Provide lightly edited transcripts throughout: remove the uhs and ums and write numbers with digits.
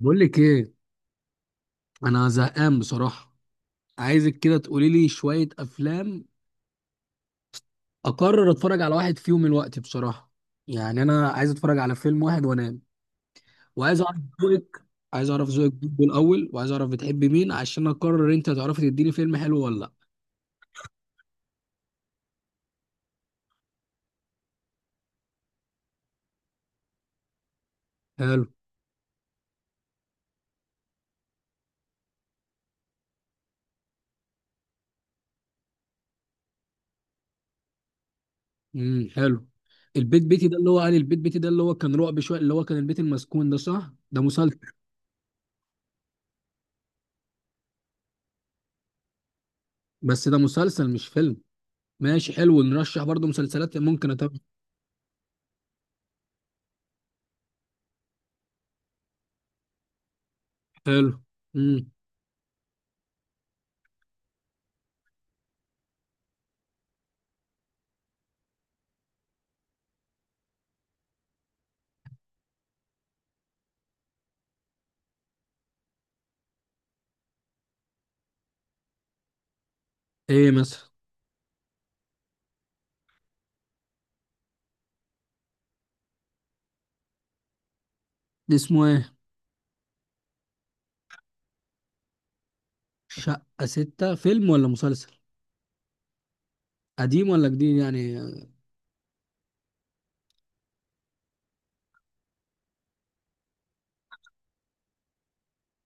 بقول لك ايه؟ انا زهقان بصراحه. عايزك كده تقولي لي شويه افلام اقرر اتفرج على واحد فيهم الوقت بصراحه. يعني انا عايز اتفرج على فيلم واحد وانام، وعايز اعرف ذوقك. عايز اعرف ذوقك برضه الاول، وعايز اعرف بتحبي مين عشان اقرر انت هتعرفي تديني فيلم حلو ولا لا. حلو. حلو. البيت بيتي ده اللي هو قال، البيت بيتي ده اللي هو كان رعب شويه، اللي هو كان البيت المسكون ده، صح؟ ده مسلسل. بس ده مسلسل مش فيلم. ماشي، حلو، نرشح برضه مسلسلات ممكن اتابع. حلو. امم ايه مثلا؟ اسمه ايه؟ شقة ستة فيلم ولا مسلسل؟ قديم ولا جديد يعني؟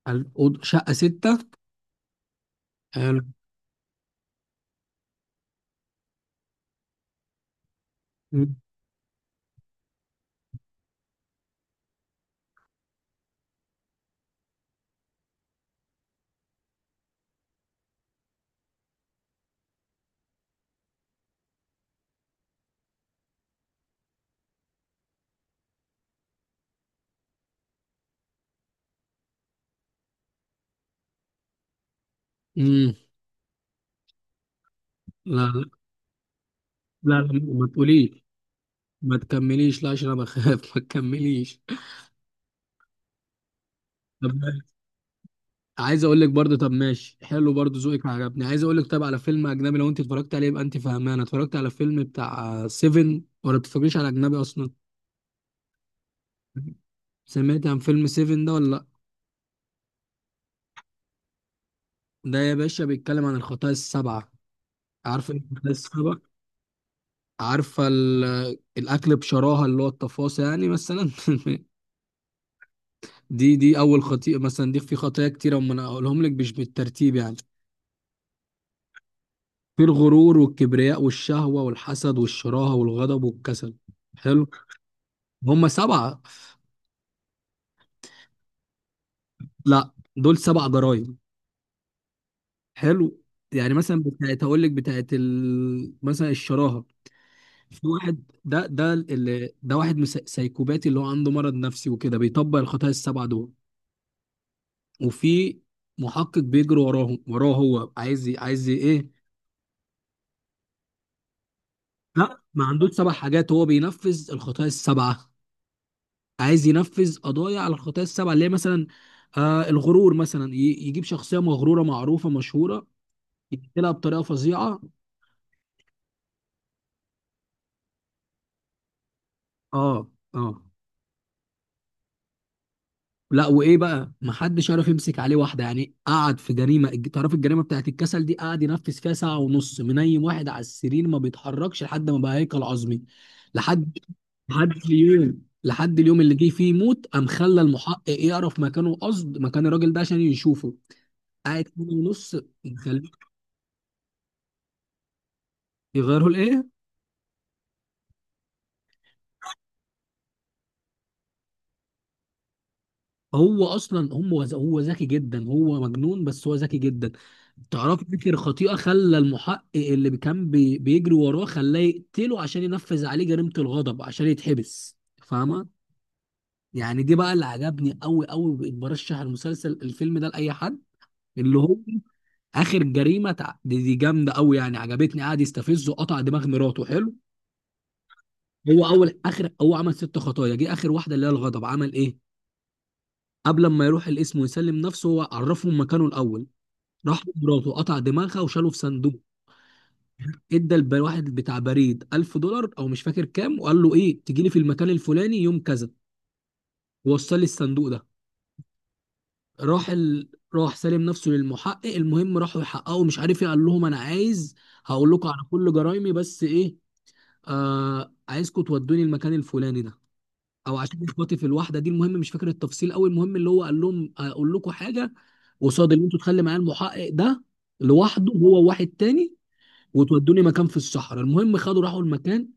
شقة ستة. حلو. مم. لا لا. لا لا، ما تقوليش. ما تكمليش، لا عشان انا بخاف ما تكمليش. طب. عايز اقول لك برضه، طب ماشي، حلو برضه ذوقك عجبني، عايز اقول لك طب على فيلم اجنبي، لو انت اتفرجت عليه يبقى انت فاهمان، انا اتفرجت على فيلم بتاع سيفن، ولا بتتفرجيش على اجنبي اصلا؟ سمعت عن فيلم سيفن ده ولا لا؟ ده يا باشا بيتكلم عن الخطايا السبعة. عارف الخطايا السبعة؟ عارفة الأكل بشراهة، اللي هو التفاصيل يعني، مثلا دي أول خطيئة مثلا، دي في خطايا كتيرة، أما أنا أقولهم لك مش بالترتيب يعني. في الغرور والكبرياء والشهوة والحسد والشراهة والغضب والكسل. حلو. هم سبعة. لا. دول سبع جرائم. حلو. يعني مثلا بتاعت هقول لك بتاعت مثلا الشراهة. في واحد، ده اللي ده واحد سايكوباتي، اللي هو عنده مرض نفسي وكده، بيطبق الخطايا السبعة دول. وفي محقق بيجري وراه هو عايز ايه. لا ما عندوش سبع حاجات، هو بينفذ الخطايا السبعه. عايز ينفذ قضايا على الخطايا السبعه اللي هي مثلا، الغرور مثلا، يجيب شخصيه مغروره معروفه مشهوره، يقتلها بطريقه فظيعه. اه اه. لا، وايه بقى، ما حدش عرف يمسك عليه واحده، يعني قعد في جريمه، تعرف الجريمه بتاعت الكسل دي، قعد ينفذ فيها ساعه ونص، منيم واحد على السرير ما بيتحركش، لحد ما بقى هيكل عظمي. لحد لحد اليوم اللي جه فيه موت، قام خلى المحقق يعرف مكانه، قصد مكان الراجل ده عشان يشوفه. قاعد سنه ونص. يخليه- يغيره لايه؟ هو اصلا هم، هو ذكي جدا، هو مجنون بس هو ذكي جدا. تعرف فكر خطيئه، خلى المحقق اللي كان بيجري وراه، خلاه يقتله عشان ينفذ عليه جريمه الغضب، عشان يتحبس فاهمه. يعني دي بقى اللي عجبني قوي قوي، بقيت برشح المسلسل الفيلم ده لاي حد. اللي هو اخر جريمه دي جامده قوي، يعني عجبتني، قعد يستفزه قطع دماغ مراته. حلو. هو اول اخر هو عمل ست خطايا، جه اخر واحده اللي هي الغضب، عمل ايه؟ قبل ما يروح القسم ويسلم نفسه، هو عرفهم مكانه الاول. راح مراته، قطع دماغها وشاله في صندوق. ادى الواحد بتاع بريد 1000 دولار، او مش فاكر كام، وقال له ايه، تجي لي في المكان الفلاني يوم كذا، ووصل لي الصندوق ده. راح ال... راح سلم نفسه للمحقق. المهم راحوا يحققوا، مش عارف ايه، قال لهم انا عايز، هقول لكم على كل جرايمي، بس ايه، عايزكم تودوني المكان الفلاني ده، او عشان اخواتي في الواحده دي، المهم مش فاكر التفصيل قوي. المهم اللي هو قال لهم اقول لكم حاجه، قصاد اللي انتوا تخلي معايا المحقق ده لوحده، هو واحد تاني، وتودوني مكان في الصحراء. المهم خدوا راحوا المكان،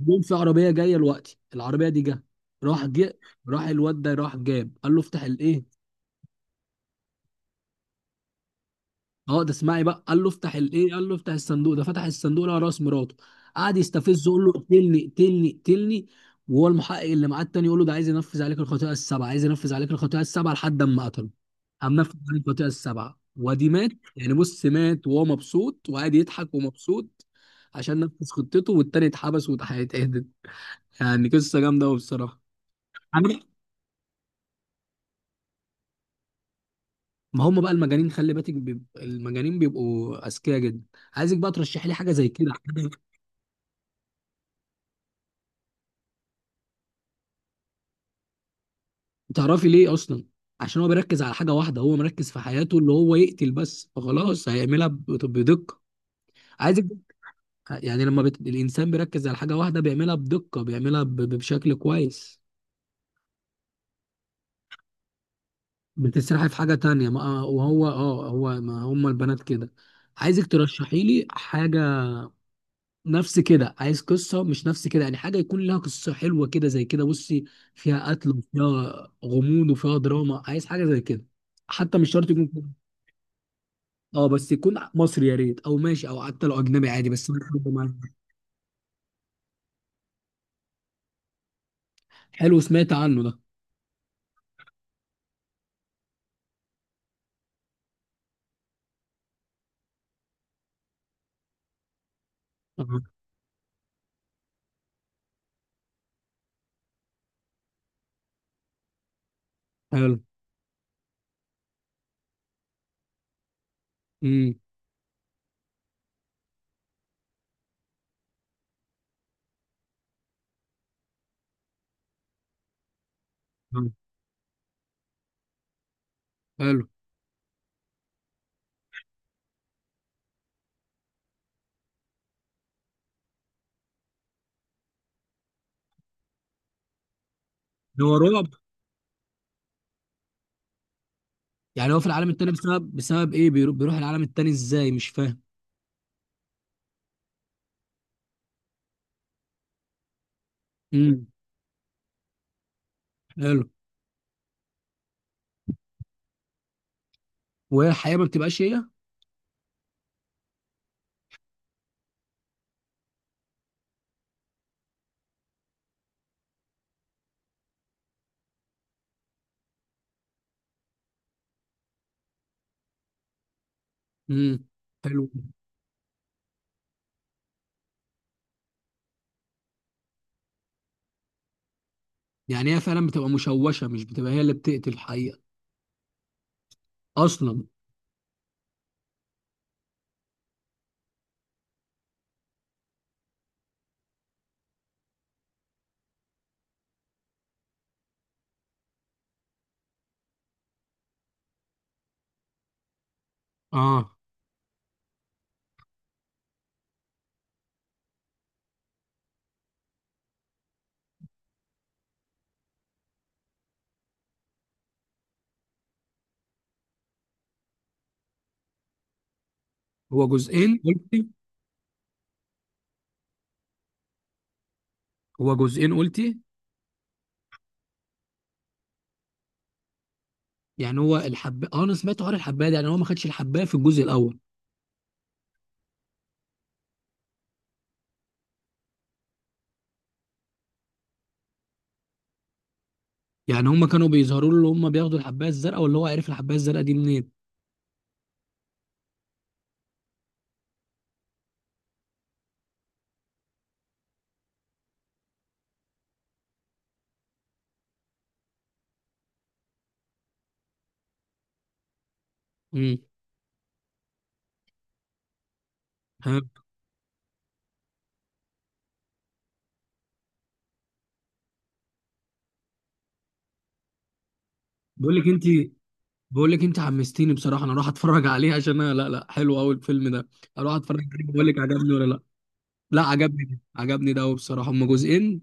جم في عربيه جايه لوقتي. العربيه دي جه، راح راح الواد ده، راح جاب، قال له افتح الايه. اه، ده اسمعي بقى، قال له افتح الايه، قال له افتح الصندوق ده، فتح الصندوق لقى راس مراته. قعد يستفزه يقول له اقتلني اقتلني اقتلني، وهو المحقق اللي معاه التاني يقول له ده عايز ينفذ عليك الخطيئه السبعه، عايز ينفذ عليك الخطيئه السبعه، لحد اما قتله. قام نفذ عليك الخطيئه السبعه وادي مات. يعني بص مات وهو مبسوط وقاعد يضحك ومبسوط، عشان نفذ خطته والتاني اتحبس واتهدد. يعني قصه جامده قوي بصراحه. عامل ما هم بقى المجانين، خلي بالك المجانين بيبقوا اذكياء جدا. عايزك بقى ترشح لي حاجه زي كده. تعرفي ليه اصلا؟ عشان هو بيركز على حاجه واحده، هو مركز في حياته اللي هو يقتل بس، فخلاص هيعملها بدقه. عايزك يعني لما الانسان بيركز على حاجه واحده بيعملها بدقه، بيعملها بشكل كويس. بتسرح في حاجه تانية ما... آه، وهو اه هو ما هم البنات كده. عايزك ترشحي لي حاجه نفس كده، عايز قصه، مش نفس كده يعني، حاجه يكون لها قصه حلوه كده زي كده، بصي فيها قتل وفيها غموض وفيها دراما، عايز حاجه زي كده. حتى مش شرط يكون كده. اه بس يكون مصري يا ريت، او ماشي، او حتى لو اجنبي عادي بس يكون حلو معايا. حلو، سمعت عنه ده. آه، حلو. امم حلو. ده هو رعب؟ يعني هو في العالم التاني بسبب ايه، بيروح العالم التاني ازاي؟ مش فاهم. امم. حلو. وهي الحقيقه ما بتبقاش هي. امم. حلو. يعني هي فعلا بتبقى مشوشه، مش بتبقى هي اللي بتقتل الحقيقه اصلا. اه. هو جزئين قلتي؟ هو جزئين قلتي؟ يعني هو الحب، اه انا سمعت حوار الحبايه ده، يعني هو ما خدش الحبايه في الجزء الاول؟ يعني هم كانوا بيظهروا له، اللي هم بياخدوا الحبايه الزرقاء، واللي هو عرف الحبايه الزرقاء دي منين؟ امم. ها. بقول لك انت، بقول لك انت حمستيني بصراحه، انا اروح اتفرج عليه، عشان انا لا لا حلو قوي الفيلم ده. اروح اتفرج عليه بقول لك عجبني ولا لا. لا عجبني ده، عجبني ده قوي بصراحه. هم جزئين؟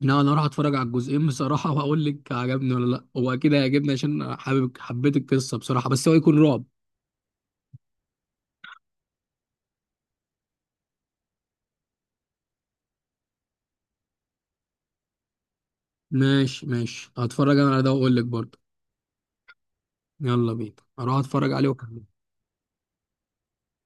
لا انا اروح اتفرج على الجزئين بصراحه، واقول لك عجبني ولا لا. هو اكيد هيعجبني، عشان أنا حابب حبيت القصه بصراحه، بس هو يكون رعب؟ ماشي ماشي، هتفرج انا على ده واقول لك برضه. يلا بينا اروح اتفرج عليه واكلمك.